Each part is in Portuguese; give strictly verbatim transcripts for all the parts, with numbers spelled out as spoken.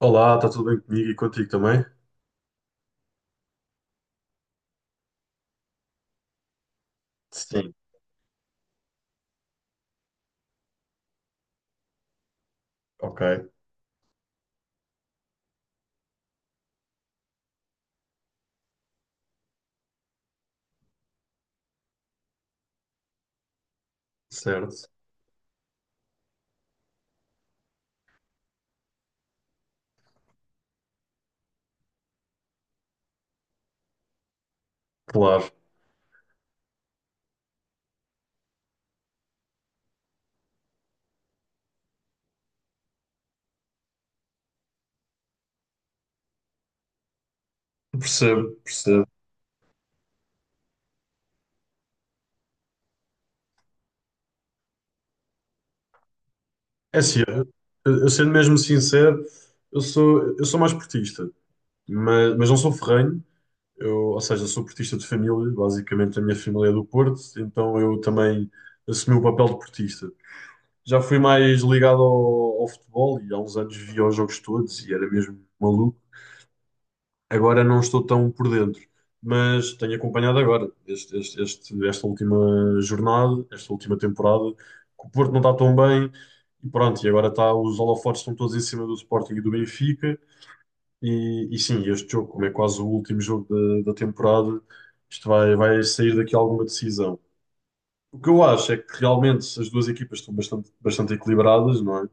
Olá, está tudo bem comigo e contigo também? Sim, ok, certo, claro, percebo, percebo. É assim, eu, eu sendo mesmo sincero, eu sou, eu sou mais portista, mas, mas não sou ferrenho, eu, ou seja, sou portista de família, basicamente a minha família é do Porto, então eu também assumi o papel de portista. Já fui mais ligado ao, ao futebol e há uns anos via os jogos todos e era mesmo maluco. Agora não estou tão por dentro, mas tenho acompanhado agora este- este- este- esta última jornada, esta última temporada, que o Porto não está tão bem e pronto, e agora está, os holofotes estão todos em cima do Sporting e do Benfica e, e sim, este jogo, como é quase o último jogo da, da temporada, isto vai, vai sair daqui alguma decisão. O que eu acho é que realmente as duas equipas estão bastante, bastante equilibradas, não é?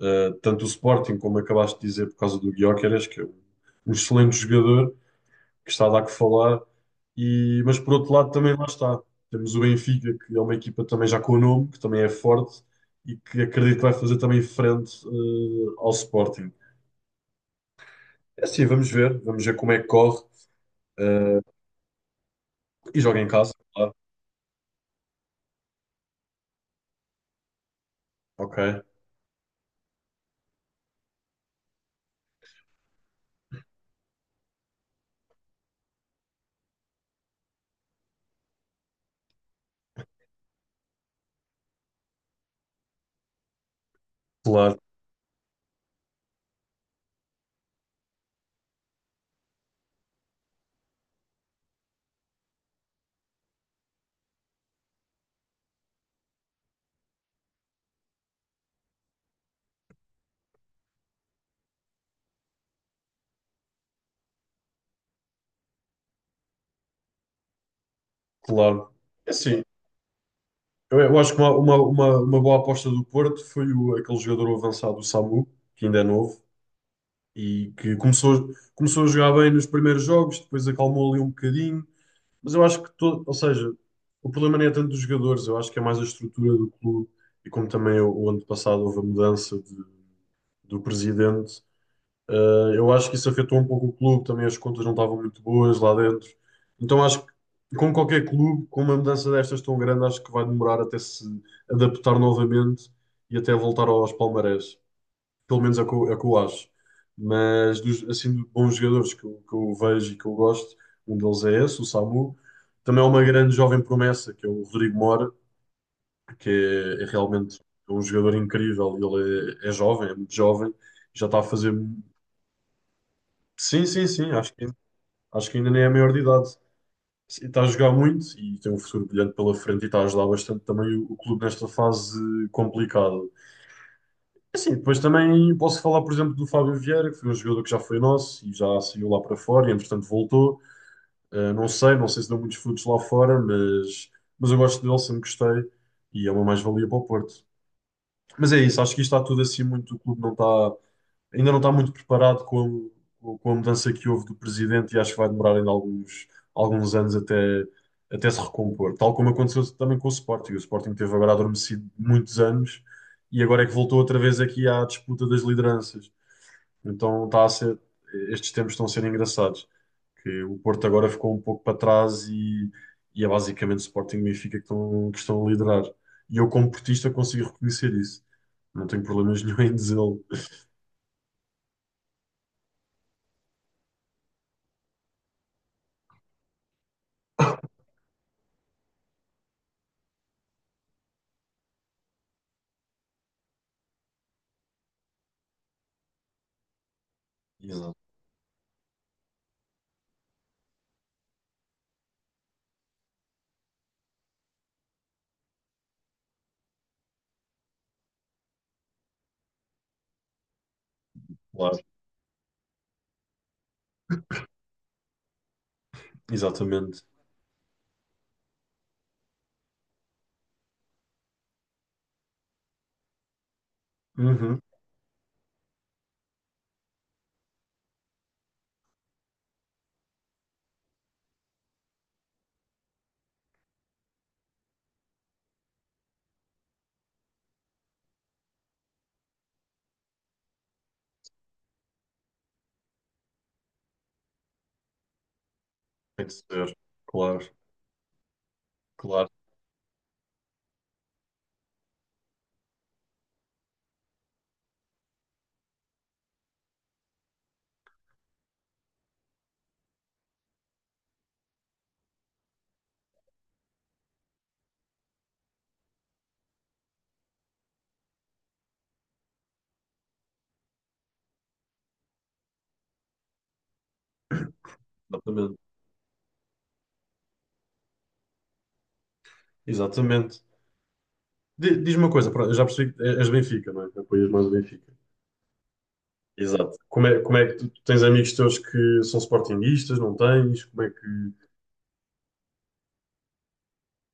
Eh, tanto o Sporting, como acabaste de dizer, por causa do Gyökeres, que é um um excelente jogador, que está a dar que falar. E, mas por outro lado também lá está. Temos o Benfica, que é uma equipa também já com o nome, que também é forte e que acredito que vai fazer também frente eh, ao Sporting. É assim, vamos ver, vamos ver como é que corre. eh, e joga em casa, claro. Ok, claro, claro. É assim, eu, eu acho que uma, uma, uma, uma boa aposta do Porto foi o, aquele jogador avançado, o Samu, que ainda é novo e que começou, começou a jogar bem nos primeiros jogos, depois acalmou ali um bocadinho. Mas eu acho que todo, ou seja, o problema nem é tanto dos jogadores, eu acho que é mais a estrutura do clube e como também o, o ano passado houve a mudança de- do presidente, eh, eu acho que isso afetou um pouco o clube, também as contas não estavam muito boas lá dentro. Então acho que, como qualquer clube, com uma mudança destas tão grande, acho que vai demorar até se adaptar novamente e até voltar aos palmarés. Pelo menos é o que eu, é o que eu acho. Mas, dos, assim, de bons jogadores que eu, que eu vejo e que eu gosto, um deles é esse, o Samu. Também há uma grande jovem promessa, que é o Rodrigo Mora, que é, é realmente um jogador incrível. Ele é, é jovem, é muito jovem, já está a fazer. Sim, sim, sim, acho que, acho que ainda nem é a maior de idade. E está a jogar muito e tem um futuro brilhante pela frente e está a ajudar bastante também o, o clube nesta fase complicada. É assim, depois também posso falar, por exemplo, do Fábio Vieira, que foi um jogador que já foi nosso e já saiu lá para fora e, entretanto, voltou. Ah, não sei, não sei se deu muitos frutos lá fora, mas, mas eu gosto dele, sempre gostei e é uma mais-valia para o Porto. Mas é isso, acho que isto está tudo assim muito, o clube não está, ainda não está muito preparado com, com a mudança que houve do presidente e acho que vai demorar ainda alguns, alguns anos até, até se recompor. Tal como aconteceu também com o Sporting. O Sporting teve agora adormecido muitos anos e agora é que voltou outra vez aqui à disputa das lideranças. Então está a ser, estes tempos estão a ser engraçados. Que o Porto agora ficou um pouco para trás e, e é basicamente o Sporting e o Benfica que estão, que estão a liderar. E eu, como portista, consigo reconhecer isso. Não tenho problemas nenhum em dizê-lo. Exato. Claro. Exatamente. Uhum. Tem que ser. Claro, claro. Exatamente. Exatamente. Di- Diz-me uma coisa, pronto, eu já percebi que é, és Benfica, não é? Apoias mais o Benfica. Exato. Como é, como é que tu, tu tens amigos teus que são sportinguistas, não tens? Como é que.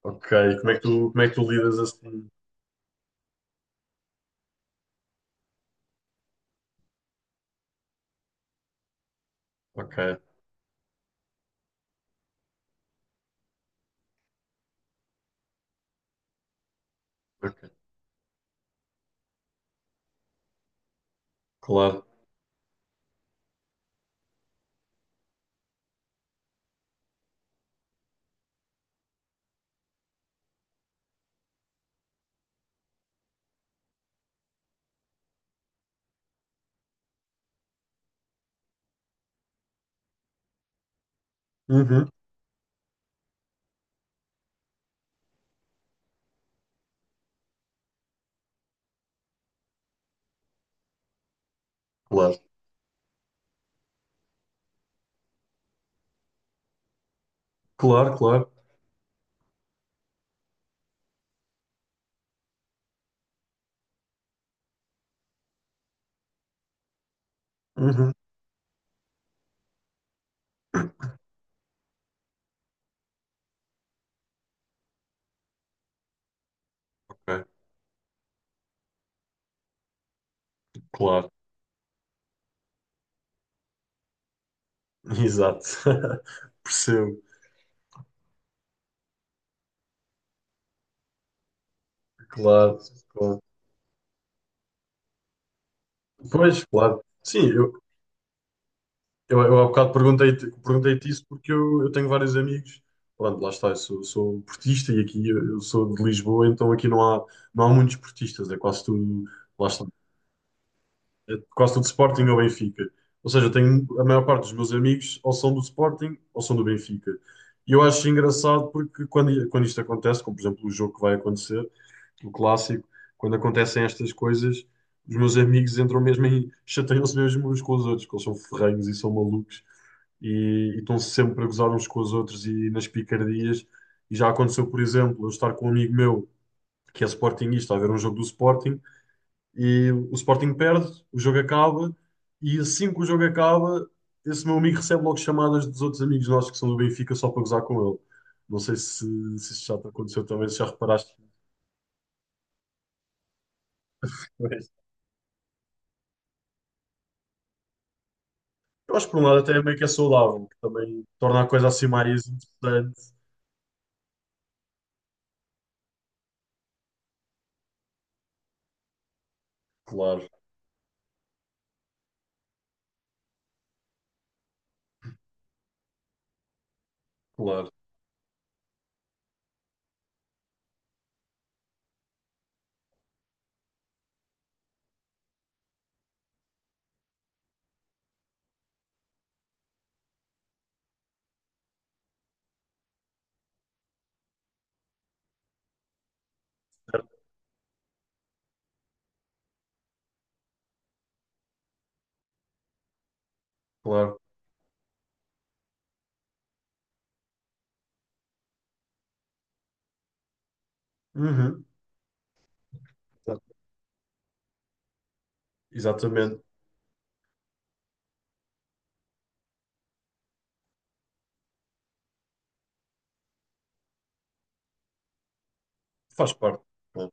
Ok. Como é que tu, como é que tu lidas assim? Ok. Ok. Claro. Uhum. Claro. Claro, claro. Uhum. Ok. Claro. Exato. Percebo. Claro. Claro. Pois, claro. Sim, eu, Eu, eu há bocado perguntei-te perguntei-te isso porque eu, eu tenho vários amigos. Pronto, lá está, eu sou, sou um portista e aqui eu eu sou de Lisboa, então aqui não há, não há muitos portistas, é quase tudo, lá está, é quase tudo Sporting ou Benfica. Ou seja, eu tenho a maior parte dos meus amigos ou são do Sporting ou são do Benfica. E eu acho engraçado porque quando, quando isto acontece, como por exemplo o jogo que vai acontecer, o clássico, quando acontecem estas coisas, os meus amigos entram mesmo em, chateiam-se mesmo uns com os outros, porque eles são ferrenhos e são malucos e, e estão sempre a gozar uns com os outros e nas picardias. E já aconteceu, por exemplo, eu estar com um amigo meu que é sportinguista a ver um jogo do Sporting e o Sporting perde, o jogo acaba e assim que o jogo acaba, esse meu amigo recebe logo chamadas dos outros amigos nossos que são do Benfica só para gozar com ele. Não sei se, se isso já te aconteceu também, se já reparaste. Mas eu acho que por um lado até é meio que é saudável, que também torna a coisa assim mais interessante. Claro, claro, certo, claro. Uhum. Exatamente. Faz parte. Né?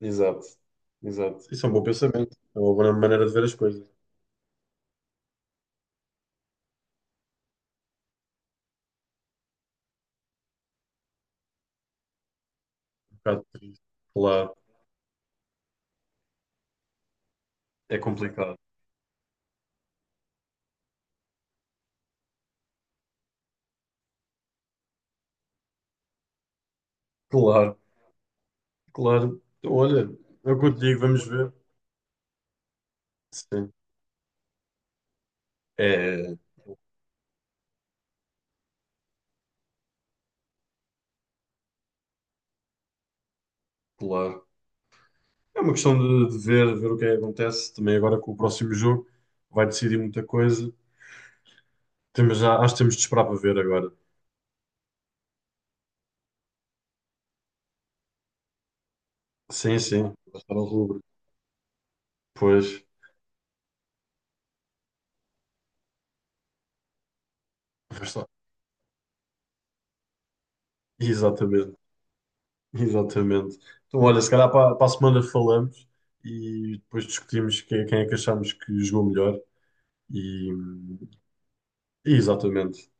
Exato, exato. Isso é um bom pensamento. É uma boa maneira de ver as coisas. Um bocado triste. Claro, é complicado. Claro, claro. Então, olha, é o que eu te digo, vamos ver. Sim, é, claro. É uma questão de, de ver, ver o que é que acontece. Também agora com o próximo jogo vai decidir muita coisa. Temos, já- acho que temos de esperar para ver agora. Sim, sim, vai estar ao rubro. Pois, vai estar. Exatamente. Exatamente. Então, olha, se calhar para, para a semana falamos e depois discutimos quem, quem é que achamos que jogou melhor. E, e exatamente,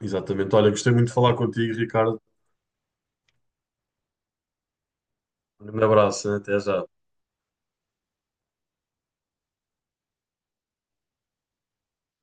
exatamente. Olha, gostei muito de falar contigo, Ricardo. Um grande abraço, hein? Até já.